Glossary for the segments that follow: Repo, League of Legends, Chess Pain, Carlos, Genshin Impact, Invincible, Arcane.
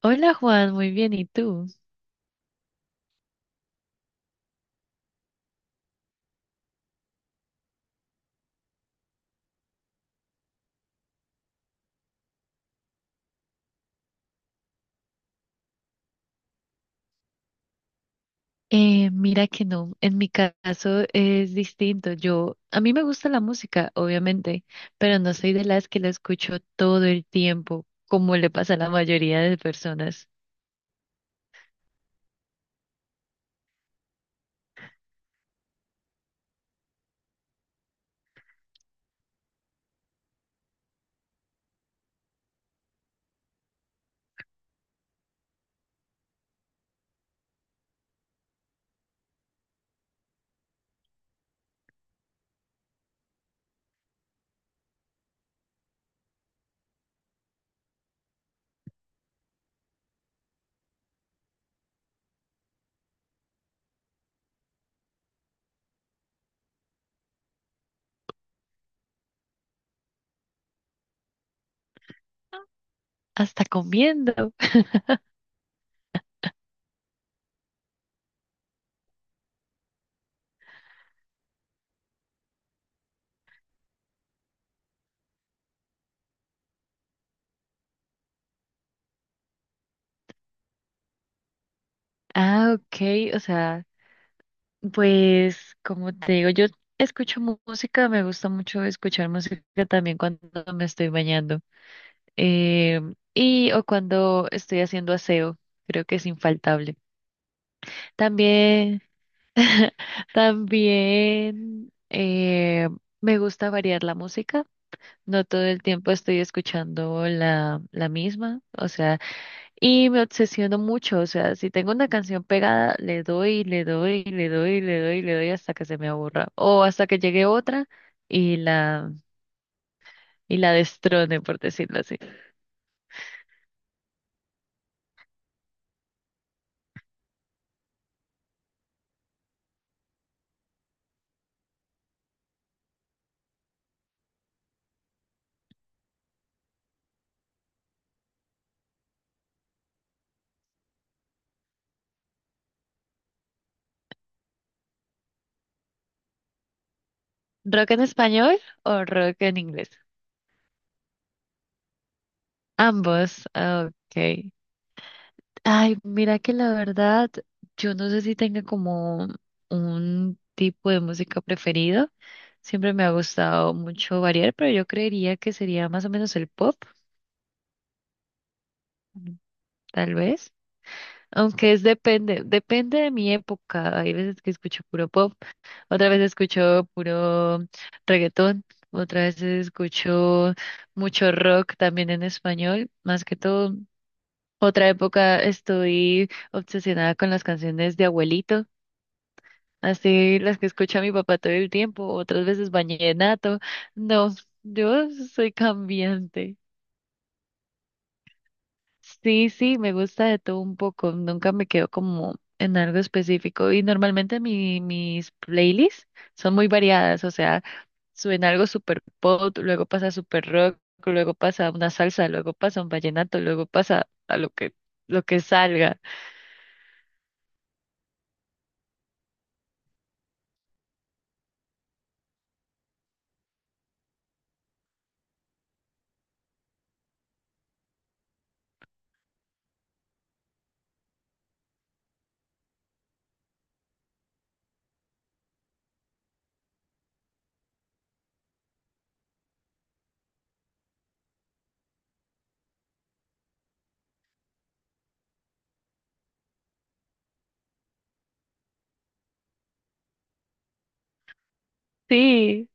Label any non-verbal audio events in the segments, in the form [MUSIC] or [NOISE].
Hola Juan, muy bien, ¿y tú? Mira que no, en mi caso es distinto. Yo, a mí me gusta la música, obviamente, pero no soy de las que la escucho todo el tiempo, como le pasa a la mayoría de personas, hasta comiendo. [LAUGHS] Ah, ok, o sea, pues como te digo, yo escucho música, me gusta mucho escuchar música también cuando me estoy bañando, eh, y o cuando estoy haciendo aseo, creo que es infaltable. También, [LAUGHS] también me gusta variar la música. No todo el tiempo estoy escuchando la misma, o sea, y me obsesiono mucho, o sea, si tengo una canción pegada, le doy hasta que se me aburra, o hasta que llegue otra y la, y la destrone, por decirlo así. ¿Rock en español o rock en inglés? Ambos, ah, ok. Ay, mira que la verdad, yo no sé si tenga como un tipo de música preferido. Siempre me ha gustado mucho variar, pero yo creería que sería más o menos el pop, mm, tal vez. Aunque es depende de mi época. Hay veces que escucho puro pop, otra vez escucho puro reggaetón, otra vez escucho mucho rock también en español, más que todo. Otra época estoy obsesionada con las canciones de abuelitos, así las que escucha mi papá todo el tiempo, otras veces vallenato. No, yo soy cambiante. Sí, sí, me gusta de todo un poco, nunca me quedo como en algo específico y normalmente mis playlists son muy variadas, o sea, suena algo super pop, luego pasa super rock, luego pasa una salsa, luego pasa un vallenato, luego pasa a lo que salga. Sí.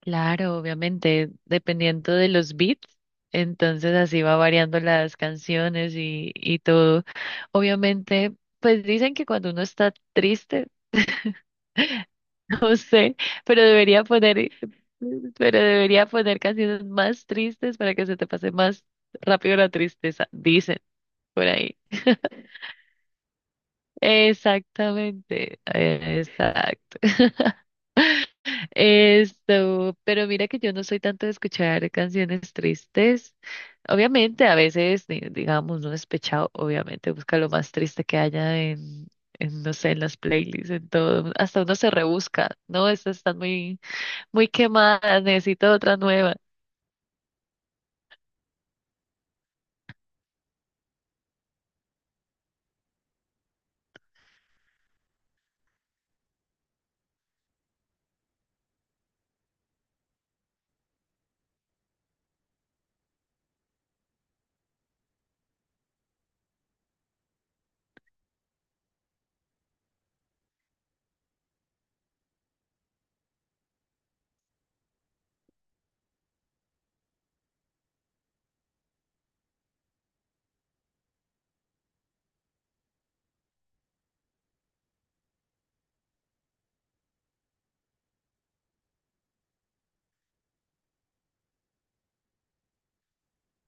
Claro, obviamente, dependiendo de los beats, entonces así va variando las canciones y todo. Obviamente, pues dicen que cuando uno está triste, [LAUGHS] no sé, pero debería poner, pero debería poner canciones más tristes para que se te pase más rápido la tristeza, dicen por ahí. Exactamente, exacto. [LAUGHS] Esto, pero mira que yo no soy tanto de escuchar canciones tristes. Obviamente, a veces, digamos, no despechado, obviamente busca lo más triste que haya en, no sé, en las playlists, en todo. Hasta uno se rebusca, ¿no? Estas están muy, muy quemadas, necesito otra nueva.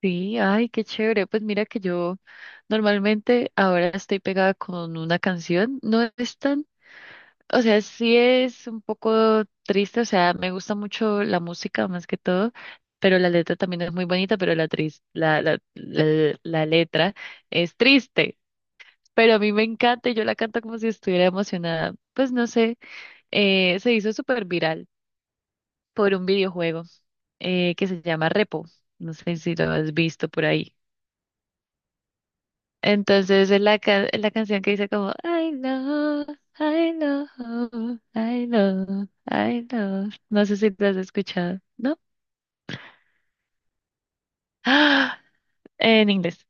Sí, ay, qué chévere. Pues mira que yo normalmente ahora estoy pegada con una canción. No es tan... O sea, sí es un poco triste, o sea, me gusta mucho la música más que todo, pero la letra también es muy bonita, pero la, tris- la letra es triste, pero a mí me encanta y yo la canto como si estuviera emocionada. Pues no sé, se hizo súper viral por un videojuego que se llama Repo, no sé si lo has visto por ahí. Entonces es la canción que dice como I know, I know, I know, I know. No sé si la has escuchado, ¿no? ¡Ah! En inglés.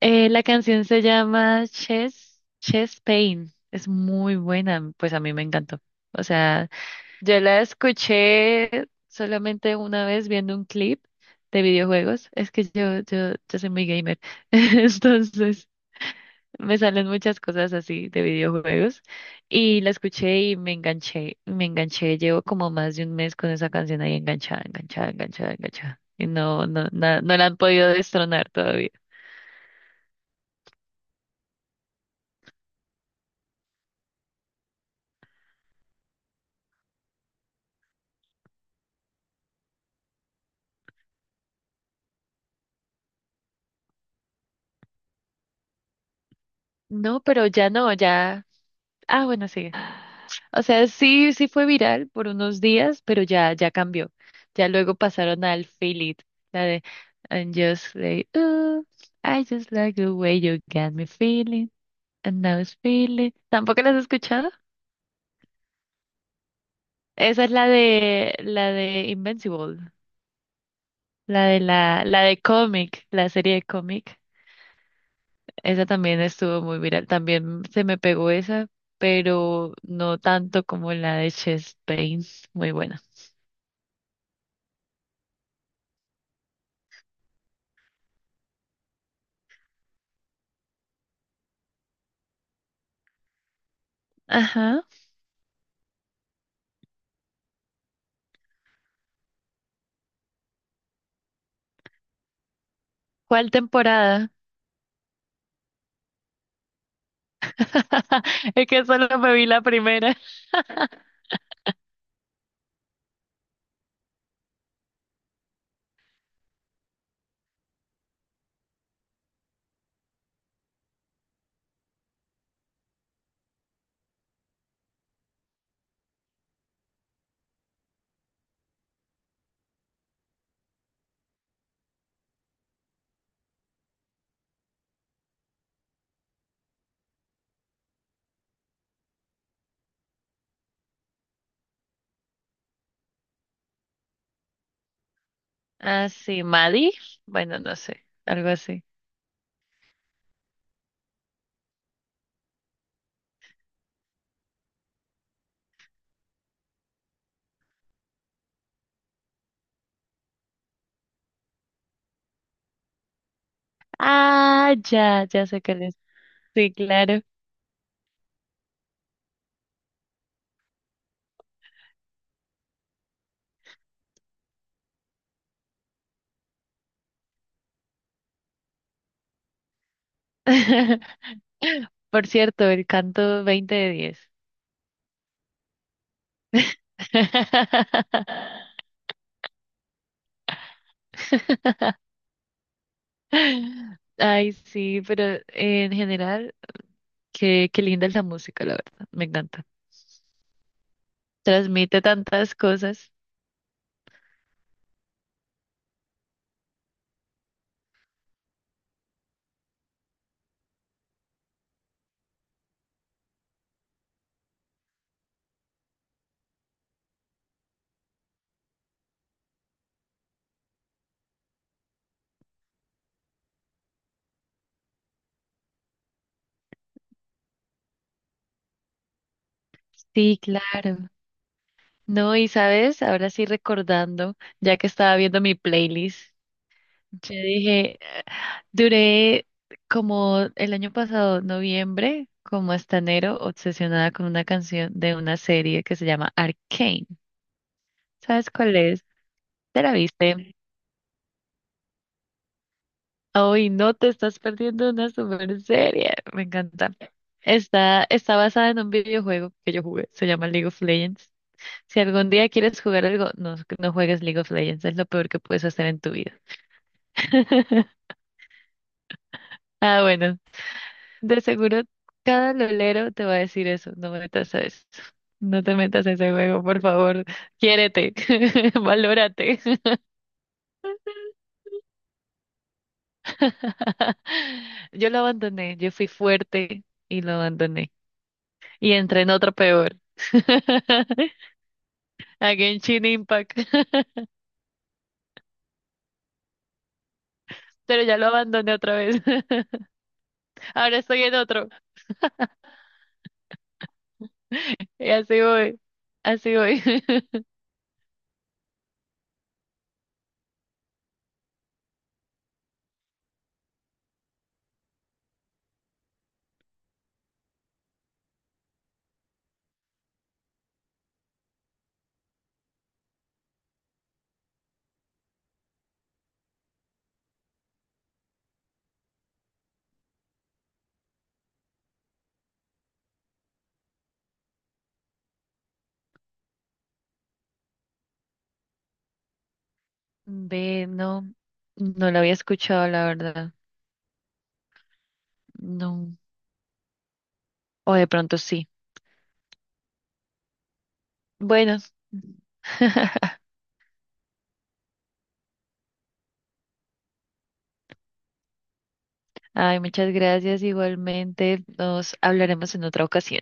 La canción se llama Chess, Chess Pain. Es muy buena, pues a mí me encantó. O sea, yo la escuché solamente una vez viendo un clip de videojuegos. Es que yo soy muy gamer. [LAUGHS] Entonces. Me salen muchas cosas así de videojuegos y la escuché y me enganché, llevo como más de un mes con esa canción ahí enganchada. Y no la han podido destronar todavía. No, pero ya no, ya. Ah, bueno, sí. O sea, sí, sí fue viral por unos días, pero ya, ya cambió. Ya luego pasaron al Feel It, la de And just like, ooh, I just like the way you got me feeling, and now it's feeling. ¿Tampoco las has escuchado? Esa es la de Invincible, la de la de cómic, la serie de cómic. Esa también estuvo muy viral, también se me pegó esa, pero no tanto como la de Chess Pain, muy buena. Ajá. ¿Cuál temporada? [LAUGHS] Es que solo me vi la primera. Ah, sí, Maddie. Bueno, no sé, algo así. Ah, ya, ya sé que es. Sí, claro. [LAUGHS] Por cierto, el canto 20 de 10. [LAUGHS] Ay, sí, pero en general, qué, qué linda es la música, la verdad, me encanta. Transmite tantas cosas. Sí, claro. No, y sabes, ahora sí recordando, ya que estaba viendo mi playlist, yo dije, duré como el año pasado, noviembre, como hasta enero, obsesionada con una canción de una serie que se llama Arcane. ¿Sabes cuál es? ¿Te la viste? Hoy no te estás perdiendo una super serie. Me encanta. Está, está basada en un videojuego que yo jugué. Se llama League of Legends. Si algún día quieres jugar algo, no, no juegues League of Legends. Es lo peor que puedes hacer en tu vida. [LAUGHS] Ah, bueno. De seguro cada lolero te va a decir eso. No me metas a eso. No te metas a ese juego, por favor. Quiérete. [LAUGHS] Valórate. [LAUGHS] Yo lo abandoné. Yo fui fuerte y lo abandoné, y entré en otro peor. [LAUGHS] A Genshin Impact. [LAUGHS] Pero ya lo abandoné otra vez. [LAUGHS] Ahora estoy en otro. Y así voy. Así voy. [LAUGHS] Ve, no. No lo había escuchado, la verdad. No. O de pronto sí. Bueno. [LAUGHS] Ay, muchas gracias. Igualmente, nos hablaremos en otra ocasión.